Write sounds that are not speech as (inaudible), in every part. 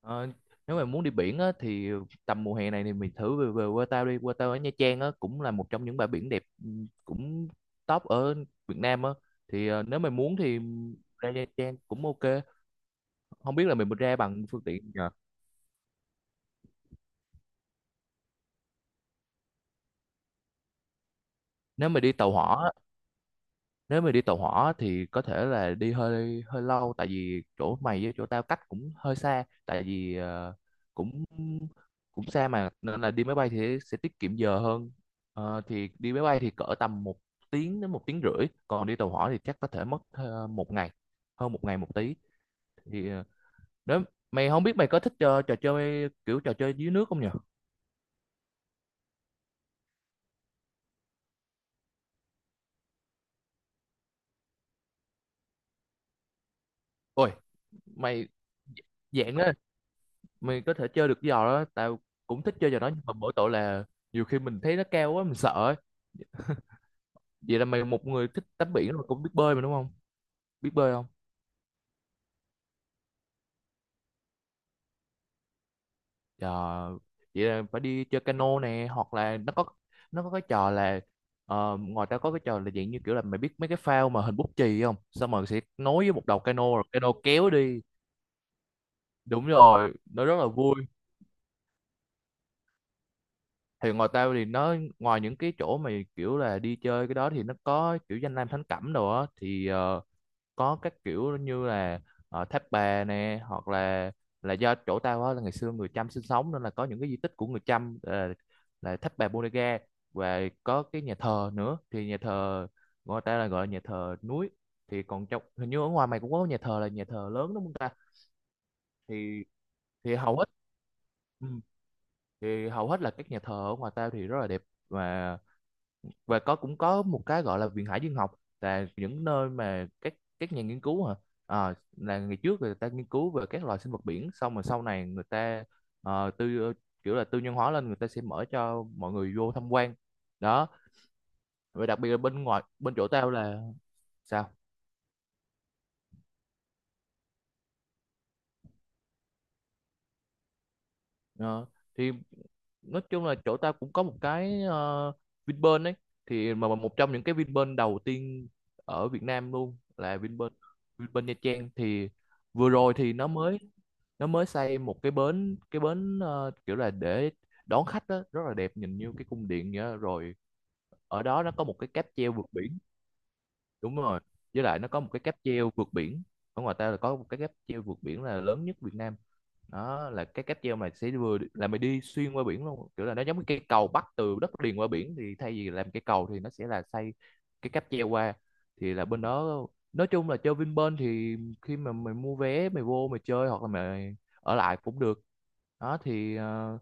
Ờ, Nếu mà muốn đi biển á, thì tầm mùa hè này thì mình thử về Vũng Tàu đi. Vũng Tàu ở Nha Trang á, cũng là một trong những bãi biển đẹp cũng top ở Việt Nam á. Thì nếu mà muốn thì ra Nha Trang cũng ok. Không biết là mình ra bằng phương tiện gì nhờ. Nếu mà đi tàu hỏa nếu mà đi tàu hỏa thì có thể là đi hơi hơi lâu tại vì chỗ mày với chỗ tao cách cũng hơi xa tại vì cũng cũng xa mà, nên là đi máy bay thì sẽ tiết kiệm giờ hơn. Thì đi máy bay thì cỡ tầm một tiếng đến một tiếng rưỡi, còn đi tàu hỏa thì chắc có thể mất một ngày, hơn một ngày một tí. Thì nếu mày không biết mày có thích trò chơi, kiểu trò chơi dưới nước không nhỉ? Ôi, mày dạng đó mày có thể chơi được cái giò đó. Tao cũng thích chơi trò đó nhưng mà mỗi tội là nhiều khi mình thấy nó cao quá mình sợ ấy. Vậy là mày một người thích tắm biển rồi, cũng biết bơi mà đúng không? Biết bơi không? Trời, vậy là phải đi chơi cano nè, hoặc là nó có cái trò là ngoài ra có cái trò là dạng như kiểu là mày biết mấy cái phao mà hình bút chì không, xong rồi sẽ nối với một đầu cano rồi cano kéo đi. Đúng rồi, nó rất là vui. Thì ngoài tao thì nó, ngoài những cái chỗ mà kiểu là đi chơi cái đó thì nó có kiểu danh lam thắng cảnh đồ á, thì có các kiểu như là Tháp Bà nè, hoặc là do chỗ tao á là ngày xưa người Chăm sinh sống nên là có những cái di tích của người Chăm là Tháp Bà Bodega, và có cái nhà thờ nữa. Thì nhà thờ người ta là gọi là nhà thờ núi. Thì còn trong, hình như ở ngoài mày cũng có nhà thờ là nhà thờ lớn đúng không ta? Thì thì hầu hết, ừ, thì hầu hết là các nhà thờ ở ngoài tao thì rất là đẹp. Và và cũng có một cái gọi là viện hải dương học, là những nơi mà các nhà nghiên cứu hả. Là ngày trước người ta nghiên cứu về các loài sinh vật biển, xong rồi sau này người ta ờ, tư ờ, kiểu là tư nhân hóa lên, người ta sẽ mở cho mọi người vô tham quan đó. Và đặc biệt là bên ngoài, bên chỗ tao là, sao? Ờ, thì nói chung là chỗ ta cũng có một cái Vinpearl ấy, thì mà một trong những cái Vinpearl đầu tiên ở Việt Nam luôn là Vinpearl Vinpearl Nha Trang. Thì vừa rồi thì nó mới xây một cái bến, kiểu là để đón khách đó, rất là đẹp, nhìn như cái cung điện vậy đó. Rồi ở đó nó có một cái cáp treo vượt biển. Đúng rồi, với lại nó có một cái cáp treo vượt biển, ở ngoài ta là có một cái cáp treo vượt biển là lớn nhất Việt Nam. Đó là cái cáp treo mà sẽ vừa là mày đi xuyên qua biển luôn, kiểu là nó giống như cây cầu bắc từ đất liền qua biển, thì thay vì làm cây cầu thì nó sẽ là xây cái cáp treo qua. Thì là bên đó, nói chung là chơi Vinpearl thì khi mà mày mua vé mày vô mày chơi, hoặc là mày ở lại cũng được đó. Thì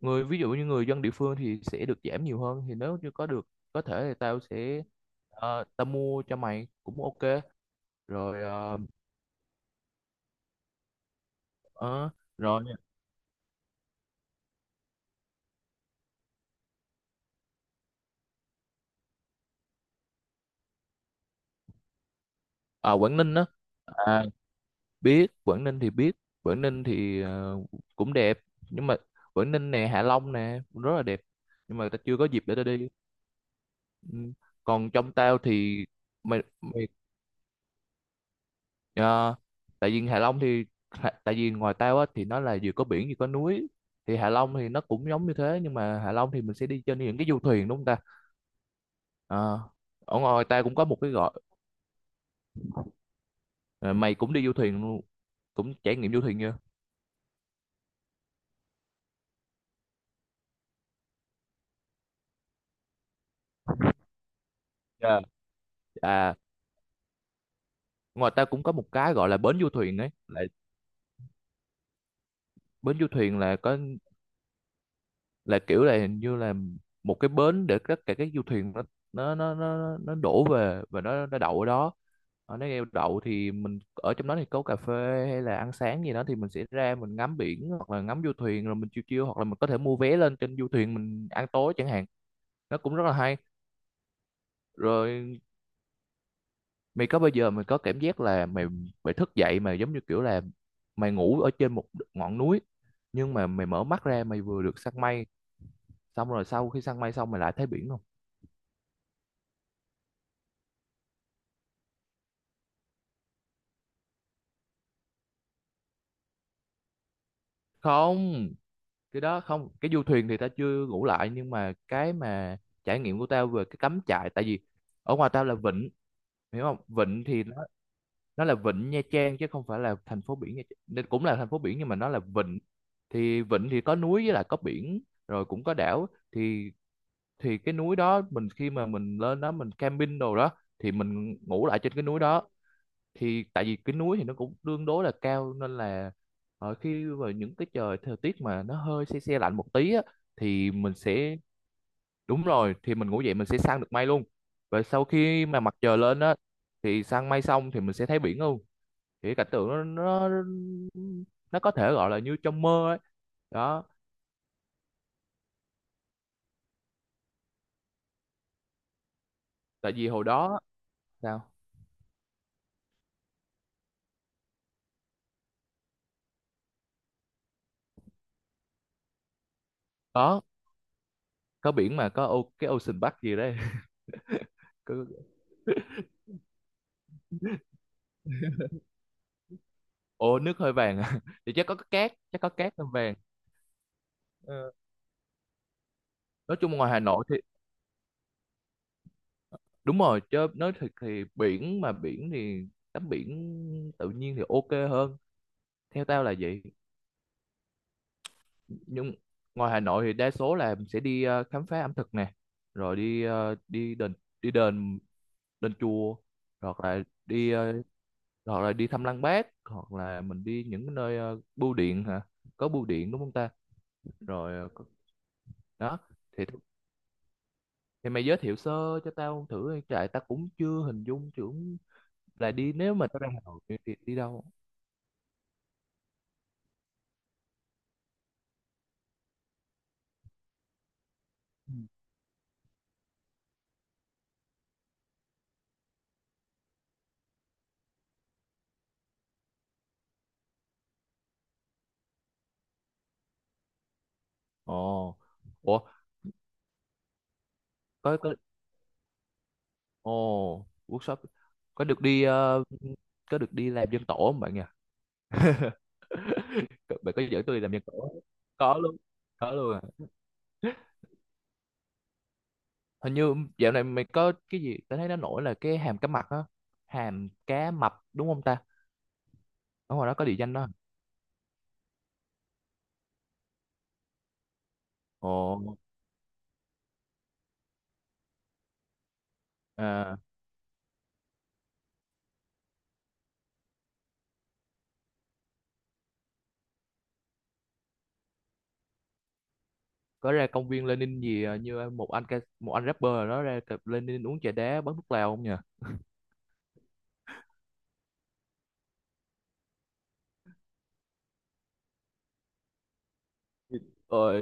ví dụ như người dân địa phương thì sẽ được giảm nhiều hơn, thì nếu như có thể thì tao sẽ, tao mua cho mày cũng ok. Rồi ờ, ờ, rồi à, Quảng Ninh đó, à, biết Quảng Ninh thì cũng đẹp. Nhưng mà Quảng Ninh nè, Hạ Long nè, cũng rất là đẹp, nhưng mà tao chưa có dịp để tao đi. Ừ. Còn trong tao thì, mày mày Ờ, tại vì Hạ Long thì, tại vì ngoài tao á thì nó là vừa có biển vừa có núi, thì Hạ Long thì nó cũng giống như thế, nhưng mà Hạ Long thì mình sẽ đi trên những cái du thuyền đúng không ta. Ờ, Ở ngoài ta cũng có một cái gọi ờ, mày cũng đi du thuyền luôn, cũng trải nghiệm du thuyền chưa. Dạ, à, ngoài ta cũng có một cái gọi là bến du thuyền ấy, là bến du thuyền là có, là kiểu là hình như là một cái bến để tất cả các du thuyền nó nó đổ về và nó đậu ở đó. Ở nếu eo đậu thì mình ở trong đó thì có cà phê hay là ăn sáng gì đó, thì mình sẽ ra mình ngắm biển hoặc là ngắm du thuyền, rồi mình chiêu chiêu, hoặc là mình có thể mua vé lên trên du thuyền mình ăn tối chẳng hạn. Nó cũng rất là hay. Rồi mày có bao giờ mày có cảm giác là mày mày thức dậy mà giống như kiểu là mày ngủ ở trên một ngọn núi, nhưng mà mày mở mắt ra mày vừa được săn mây, xong rồi sau khi săn mây xong mày lại thấy biển không? Không, cái đó không, cái du thuyền thì tao chưa ngủ lại, nhưng mà cái mà trải nghiệm của tao về cái cắm trại, tại vì ở ngoài tao là vịnh, hiểu không, vịnh thì nó là vịnh Nha Trang chứ không phải là thành phố biển Nha Trang. Nên cũng là thành phố biển, nhưng mà nó là vịnh. Thì vịnh thì có núi với lại có biển, rồi cũng có đảo. Thì thì cái núi đó mình, khi mà mình lên đó mình camping đồ đó thì mình ngủ lại trên cái núi đó. Thì tại vì cái núi thì nó cũng tương đối là cao, nên là ở khi vào những cái thời tiết mà nó hơi se se lạnh một tí á, thì mình sẽ, đúng rồi, thì mình ngủ dậy mình sẽ săn được mây luôn, và sau khi mà mặt trời lên á thì săn mây xong thì mình sẽ thấy biển luôn. Thì cái cảnh tượng nó, nó có thể gọi là như trong mơ ấy, đó. Tại vì hồi đó, sao? Có có biển mà, có ô, cái Ocean Park gì đấy (laughs) có, ô, nước hơi vàng à (laughs) thì chắc có cái cát, chắc có cát hơi vàng. Ờ, nói chung ngoài Hà Nội, đúng rồi, chứ nói thiệt thì biển mà, biển thì tắm biển tự nhiên thì ok hơn, theo tao là vậy. Nhưng ngoài Hà Nội thì đa số là mình sẽ đi khám phá ẩm thực nè, rồi đi ờ, đi đền đền chùa, hoặc là đi ờ, hoặc là đi thăm Lăng Bác, hoặc là mình đi những nơi bưu điện hả, có bưu điện đúng không ta, rồi đó. Thì thì mày giới thiệu sơ cho tao thử, tại tao cũng chưa hình dung tưởng là đi, nếu mà tao ra Hà Nội thì đi đâu. Ồ, ủa, có workshop, có được đi ờ, có được đi làm dân tổ không bạn nhỉ? (laughs) Bạn có dẫn tôi đi làm dân tổ không? Có luôn. Có luôn à. Hình như dạo này mày có cái gì tao thấy nó nổi là cái hàm cá mập á, hàm cá mập đúng không ta? Ở ngoài đó có địa danh đó. Ồ, à, có ra công viên Lenin gì à, như một anh rapper ở đó ra cặp Lenin uống trà đá bắn thuốc lào không nhỉ? Ờ,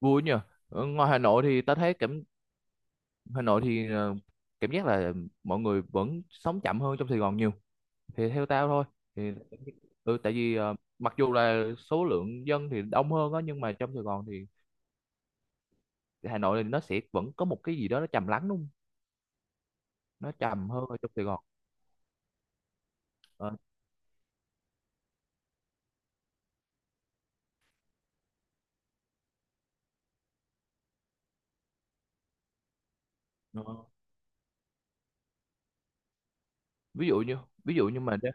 vui nhỉ. Ở ngoài Hà Nội thì tao thấy Hà Nội thì cảm giác là mọi người vẫn sống chậm hơn trong Sài Gòn nhiều, thì theo tao thôi. Thì tại vì mặc dù là số lượng dân thì đông hơn á nhưng mà trong Sài Gòn thì, Hà Nội thì nó sẽ vẫn có một cái gì đó nó trầm lắng đúng không, nó trầm hơn ở trong Sài Gòn. Ờ, ờ. ví dụ như ví dụ như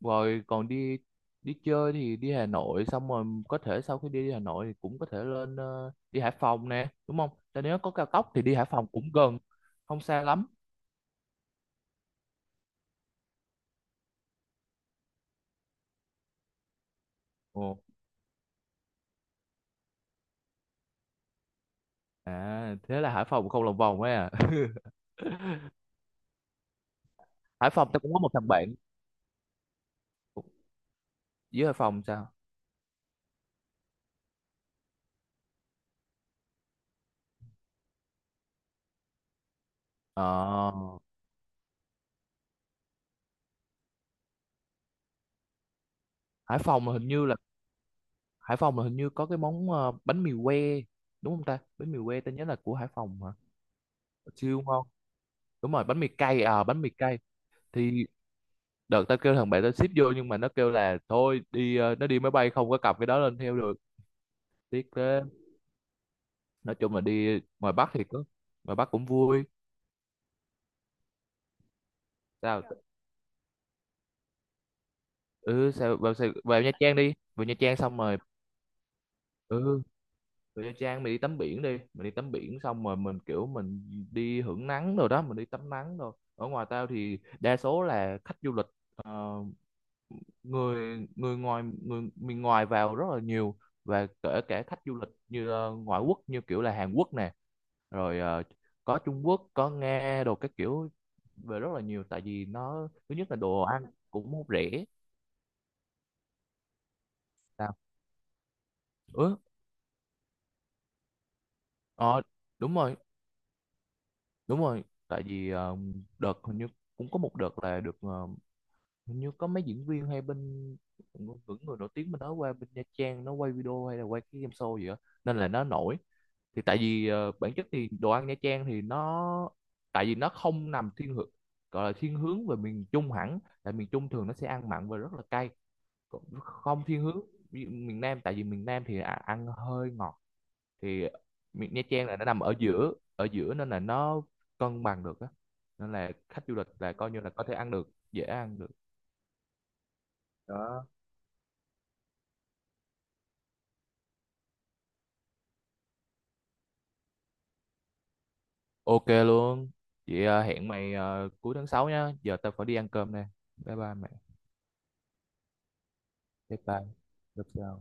rồi còn đi đi chơi, thì đi Hà Nội xong rồi có thể sau khi đi Hà Nội thì cũng có thể lên đi Hải Phòng nè đúng không. Tại nếu có cao tốc thì đi Hải Phòng cũng gần, không xa lắm. À, thế là Hải Phòng không lòng vòng ấy à? (laughs) Hải Phòng tao cũng có một thằng bạn dưới Hải Phòng, sao? Ờ, Hải Phòng là hình như là Hải Phòng là hình như có cái món bánh mì que đúng không ta? Bánh mì que tao nhớ là của Hải Phòng hả? Siêu ngon. Đúng rồi, bánh mì cay, à, bánh mì cay. Thì đợt tao kêu thằng bạn tao ship vô, nhưng mà nó kêu là thôi đi nó đi máy bay không có cặp cái đó lên theo được. Tiếc thế. Nói chung là đi ngoài Bắc thì có, ngoài Bắc cũng vui. Sao? Ừ, sao vào, vào Nha Trang đi. Vào Nha Trang xong rồi, ừ về Nha Trang mình đi tắm biển đi, mình đi tắm biển xong rồi mình đi hưởng nắng rồi đó, mình đi tắm nắng rồi. Ở ngoài tao thì đa số là khách du lịch, ờ, người người ngoài người miền ngoài vào rất là nhiều, và kể cả khách du lịch như ngoại quốc như kiểu là Hàn Quốc nè, rồi có Trung Quốc có Nga đồ các kiểu về rất là nhiều, tại vì nó thứ nhất là đồ ăn cũng rẻ. Sao? Ừ, ờ, đúng rồi, đúng rồi, tại vì đợt hình như cũng có một đợt là được hình như có mấy diễn viên hay bên, những người nổi tiếng bên đó qua bên Nha Trang nó quay video hay là quay cái game show gì đó, nên là nó nổi. Thì tại vì bản chất thì đồ ăn Nha Trang thì nó, tại vì nó không nằm thiên hướng, gọi là thiên hướng về miền Trung hẳn, tại miền Trung thường nó sẽ ăn mặn và rất là cay. Còn không thiên hướng ví dụ miền Nam, tại vì miền Nam thì ăn hơi ngọt. Thì Nha Trang là nó nằm ở giữa, ở giữa nên là nó cân bằng được á, nên là khách du lịch là coi như là có thể ăn được, dễ ăn được đó. Ok luôn. Chị hẹn mày cuối tháng 6 nhá, giờ tao phải đi ăn cơm nè. Bye bye mày. Bye bye. Gặp sau.